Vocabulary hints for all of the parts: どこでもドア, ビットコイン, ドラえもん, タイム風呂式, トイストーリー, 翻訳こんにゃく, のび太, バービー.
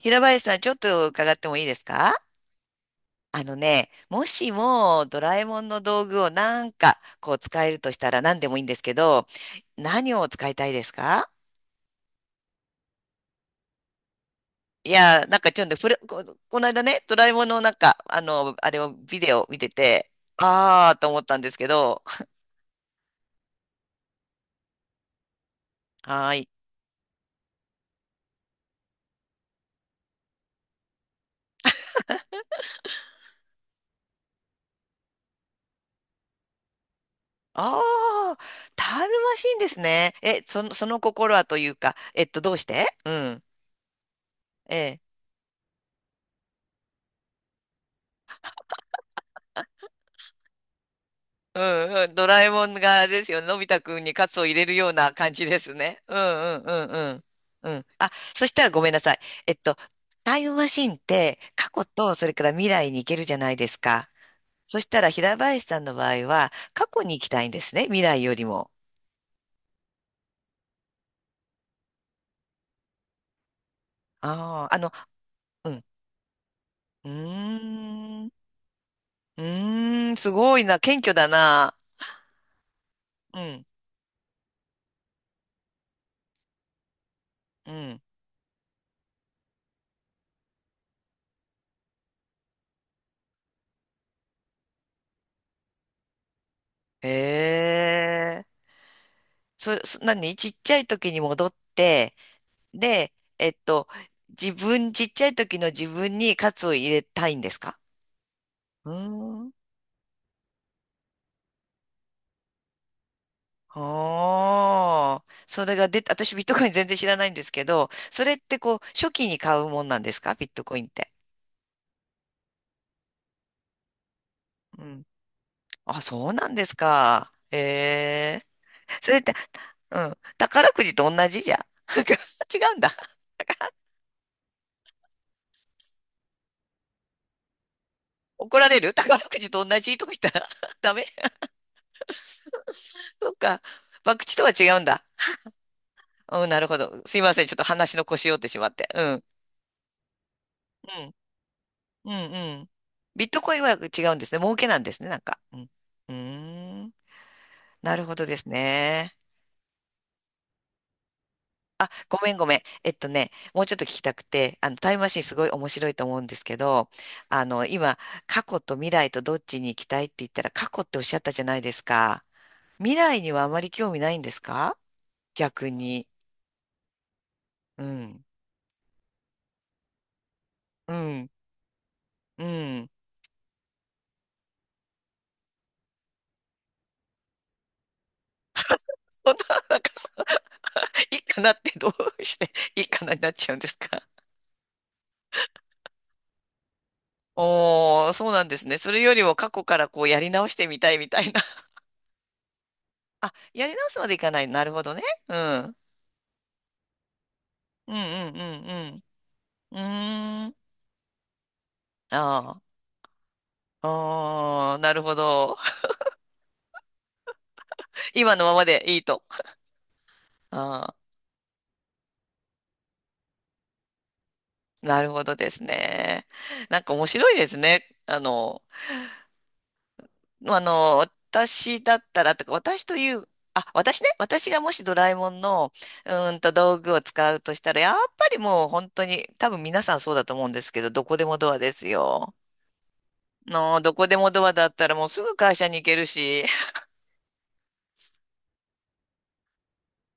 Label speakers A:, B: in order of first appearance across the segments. A: 平林さん、ちょっと伺ってもいいですか？あのね、もしもドラえもんの道具をなんかこう使えるとしたら何でもいいんですけど、何を使いたいですか？いや、なんかちょっとふれ、こ、この間ね、ドラえもんのなんか、あれをビデオ見てて、あーと思ったんですけど、はーい。あー、タイムマシンですね。え、その心はというか、どうして？うん。ええ。うんうん。ドラえもんがですよ。のび太くんにカツを入れるような感じですね。うんうんうんうん。うん。あ、そしたらごめんなさい。えっと、タイムマシンって過去とそれから未来に行けるじゃないですか。そしたら平林さんの場合は過去に行きたいんですね。未来よりも。ああ、うん。うーん。うーん。すごいな。謙虚だな。うん。うん。へえ。何ちっちゃい時に戻って、で、えっと、ちっちゃい時の自分にカツを入れたいんですか？うーん。ああ、それが出た、私ビットコイン全然知らないんですけど、それってこう、初期に買うもんなんですか？ビットコインって。うん。あ、そうなんですか？ええ。それって、うん。宝くじと同じじゃん。違うんだ。怒られる宝くじと同じとか言ったら ダメ。そっか。博打とは違うんだ。うん、なるほど。すいません。ちょっと話の腰折ってしまって。うん。うん、うん、うん。ビットコインは違うんですね。儲けなんですね、なんか。うん。うーん。なるほどですね。あ、ごめんごめん。もうちょっと聞きたくて、タイムマシンすごい面白いと思うんですけど、今、過去と未来とどっちに行きたいって言ったら、過去っておっしゃったじゃないですか。未来にはあまり興味ないんですか？逆に。うん。うん。うん。そんな、なんか、そう、いいかなってどうしていいかなになっちゃうんですか？おー、そうなんですね。それよりも過去からこうやり直してみたいみたいな。あ、やり直すまでいかない。なるほどね。うん。うんうんうんうん。うーん。ああ。あー、なるほど。今のままでいいと。ああ、なるほどですね。なんか面白いですね。私だったら、とか、私という、あ、私がもしドラえもんの、道具を使うとしたら、やっぱりもう本当に、多分皆さんそうだと思うんですけど、どこでもドアですよ。どこでもドアだったらもうすぐ会社に行けるし、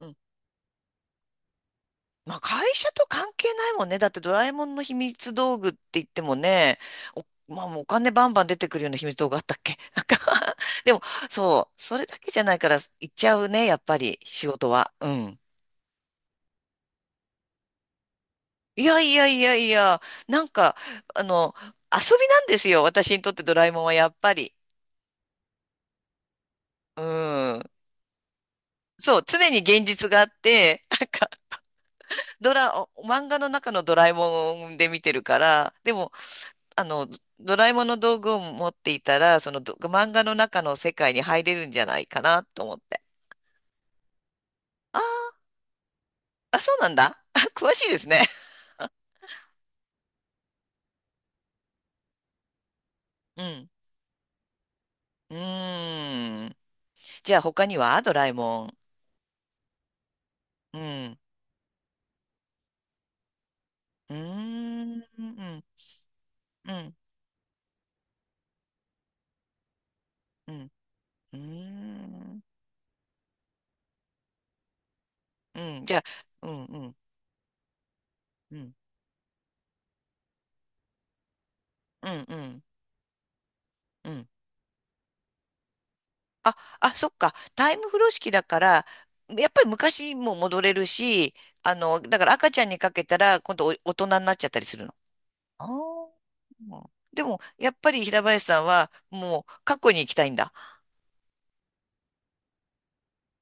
A: うん。まあ会社と関係ないもんね。だってドラえもんの秘密道具って言ってもね、お、まあもうお金バンバン出てくるような秘密道具あったっけ？ なんか でも、そう、それだけじゃないから行っちゃうね、やっぱり仕事は。うん。いやいやいやいや、なんか、あの、遊びなんですよ。私にとってドラえもんはやっぱり。うん。そう、常に現実があって、なんか、お漫画の中のドラえもんで見てるから、でも、あの、ドラえもんの道具を持っていたら、そのど漫画の中の世界に入れるんじゃないかなと思って。あーあ、そうなんだ。あ、詳しいですね。うん。うーん。じゃあ他にはドラえもん。うん。うーん。うん。うん。うん。うーん。うん。じゃあ、うんうん。うん。うんうん。うん。あ、あ、そっか。タイム風呂式だから、やっぱり昔も戻れるし、だから赤ちゃんにかけたら、今度お大人になっちゃったりするの。ああ。でも、やっぱり平林さんは、もう過去に行きたいんだ。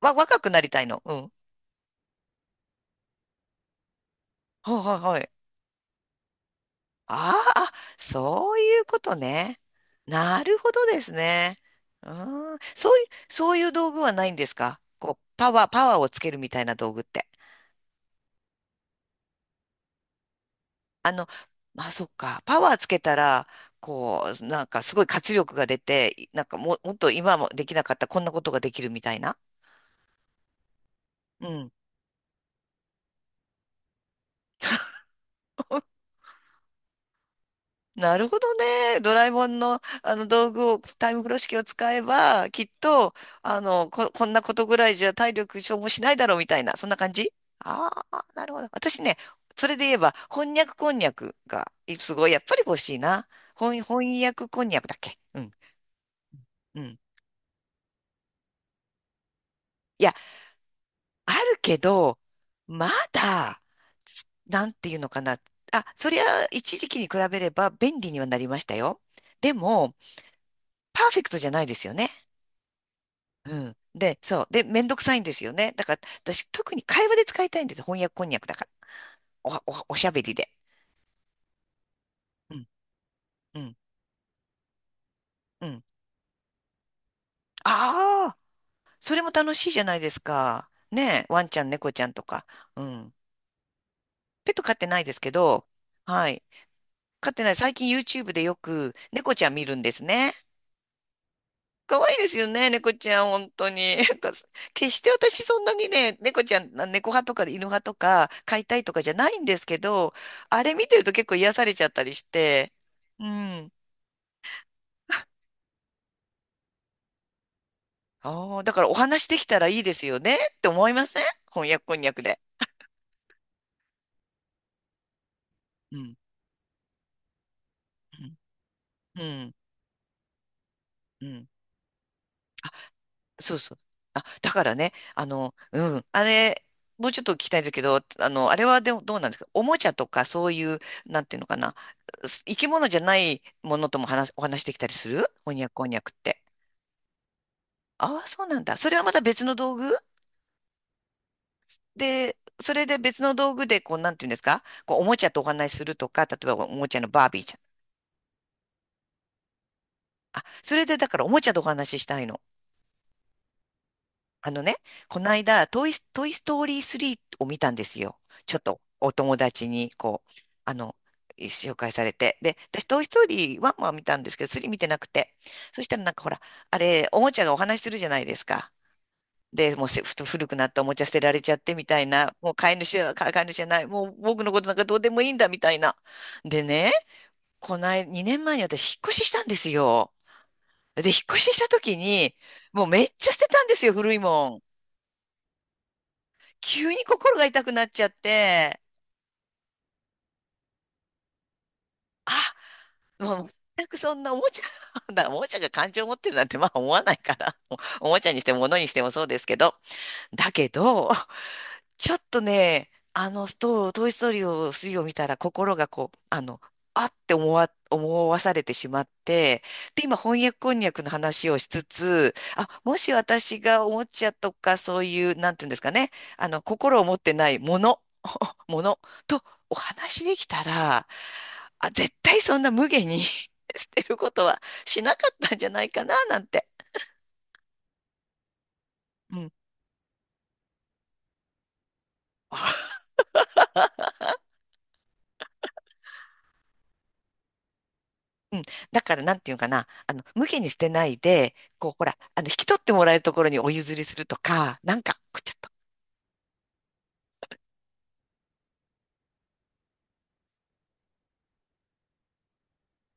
A: 若くなりたいの。うん。はいはい。ああ、そういうことね。なるほどですね。うーん、そういう道具はないんですか？こう、パワーをつけるみたいな道具って。あの、まあ、そっか。パワーつけたら、こう、なんかすごい活力が出て、なんかも、もっと今もできなかったこんなことができるみたいな。うん。なるほどね。ドラえもんの、あの道具を、タイム風呂式を使えば、きっと、こんなことぐらいじゃ体力消耗しないだろうみたいな、そんな感じ。ああ、なるほど。私ね、それで言えば、翻訳こんにゃくが、いすごい、やっぱり欲しいな。翻訳こんにゃくだっけ？うん、うん。いや、あるけど、まだ、なんていうのかな。あ、そりゃ、一時期に比べれば便利にはなりましたよ。でも、パーフェクトじゃないですよね。うん。で、そう。で、めんどくさいんですよね。だから、私、特に会話で使いたいんです。翻訳こんにゃくだから。おおおしゃべりで。うん、うん、うん。ああ、それも楽しいじゃないですか。ねえ、ワンちゃん、猫ちゃんとか。うん。ペット飼ってないですけど、はい。飼ってない。最近 YouTube でよく猫ちゃん見るんですね。可愛いですよね、猫ちゃん、本当に。なんか決して私そんなにね、猫ちゃん、猫派とか犬派とか飼いたいとかじゃないんですけど、あれ見てると結構癒されちゃったりして、うん。ああ、だからお話できたらいいですよねって思いません？翻訳こんにゃくで。うん。うん。うん。うん。そうそう。あ、だからね、うん、あれ、もうちょっと聞きたいんですけど、あれはでもどうなんですか？おもちゃとかそういう、なんていうのかな、生き物じゃないものともお話できたりするこんにゃくって。ああ、そうなんだ。それはまた別の道具で、それで別の道具で、こう、なんていうんですか？こう、おもちゃとお話しするとか、例えばおもちゃのバービーちゃん。あ、それでだからおもちゃとお話ししたいの。あのね、この間、トイストーリー3を見たんですよ。ちょっとお友達に、こう、あの、紹介されて。で、私、トイストーリー1は見たんですけど、3見てなくて。そしたらなんかほら、あれ、おもちゃがお話しするじゃないですか。で、もうせふと古くなったおもちゃ捨てられちゃってみたいな、もう飼い主は飼い主じゃない、もう僕のことなんかどうでもいいんだみたいな。でね、この間、2年前に私、引っ越ししたんですよ。で、引っ越しした時に、もうめっちゃ捨てたんですよ、古いもん。急に心が痛くなっちゃって、あ、もう全くそんなおもちゃ、だからおもちゃが感情を持ってるなんてまあ思わないから、おもちゃにしても物にしてもそうですけど、だけど、ちょっとね、あの、ストー、トイ・ストーリーを、3を見たら心がこう、あって思わされてしまって、で、今、翻訳こんにゃくの話をしつつ、あ、もし私がおもちゃとかそういう、なんていうんですかね、心を持ってないもの、ものとお話できたら、あ、絶対そんな無下に 捨てることはしなかったんじゃないかな、なんて。うんうん。だから、なんていうかな。無下に捨てないで、こう、ほら、引き取ってもらえるところにお譲りするとか、なんか、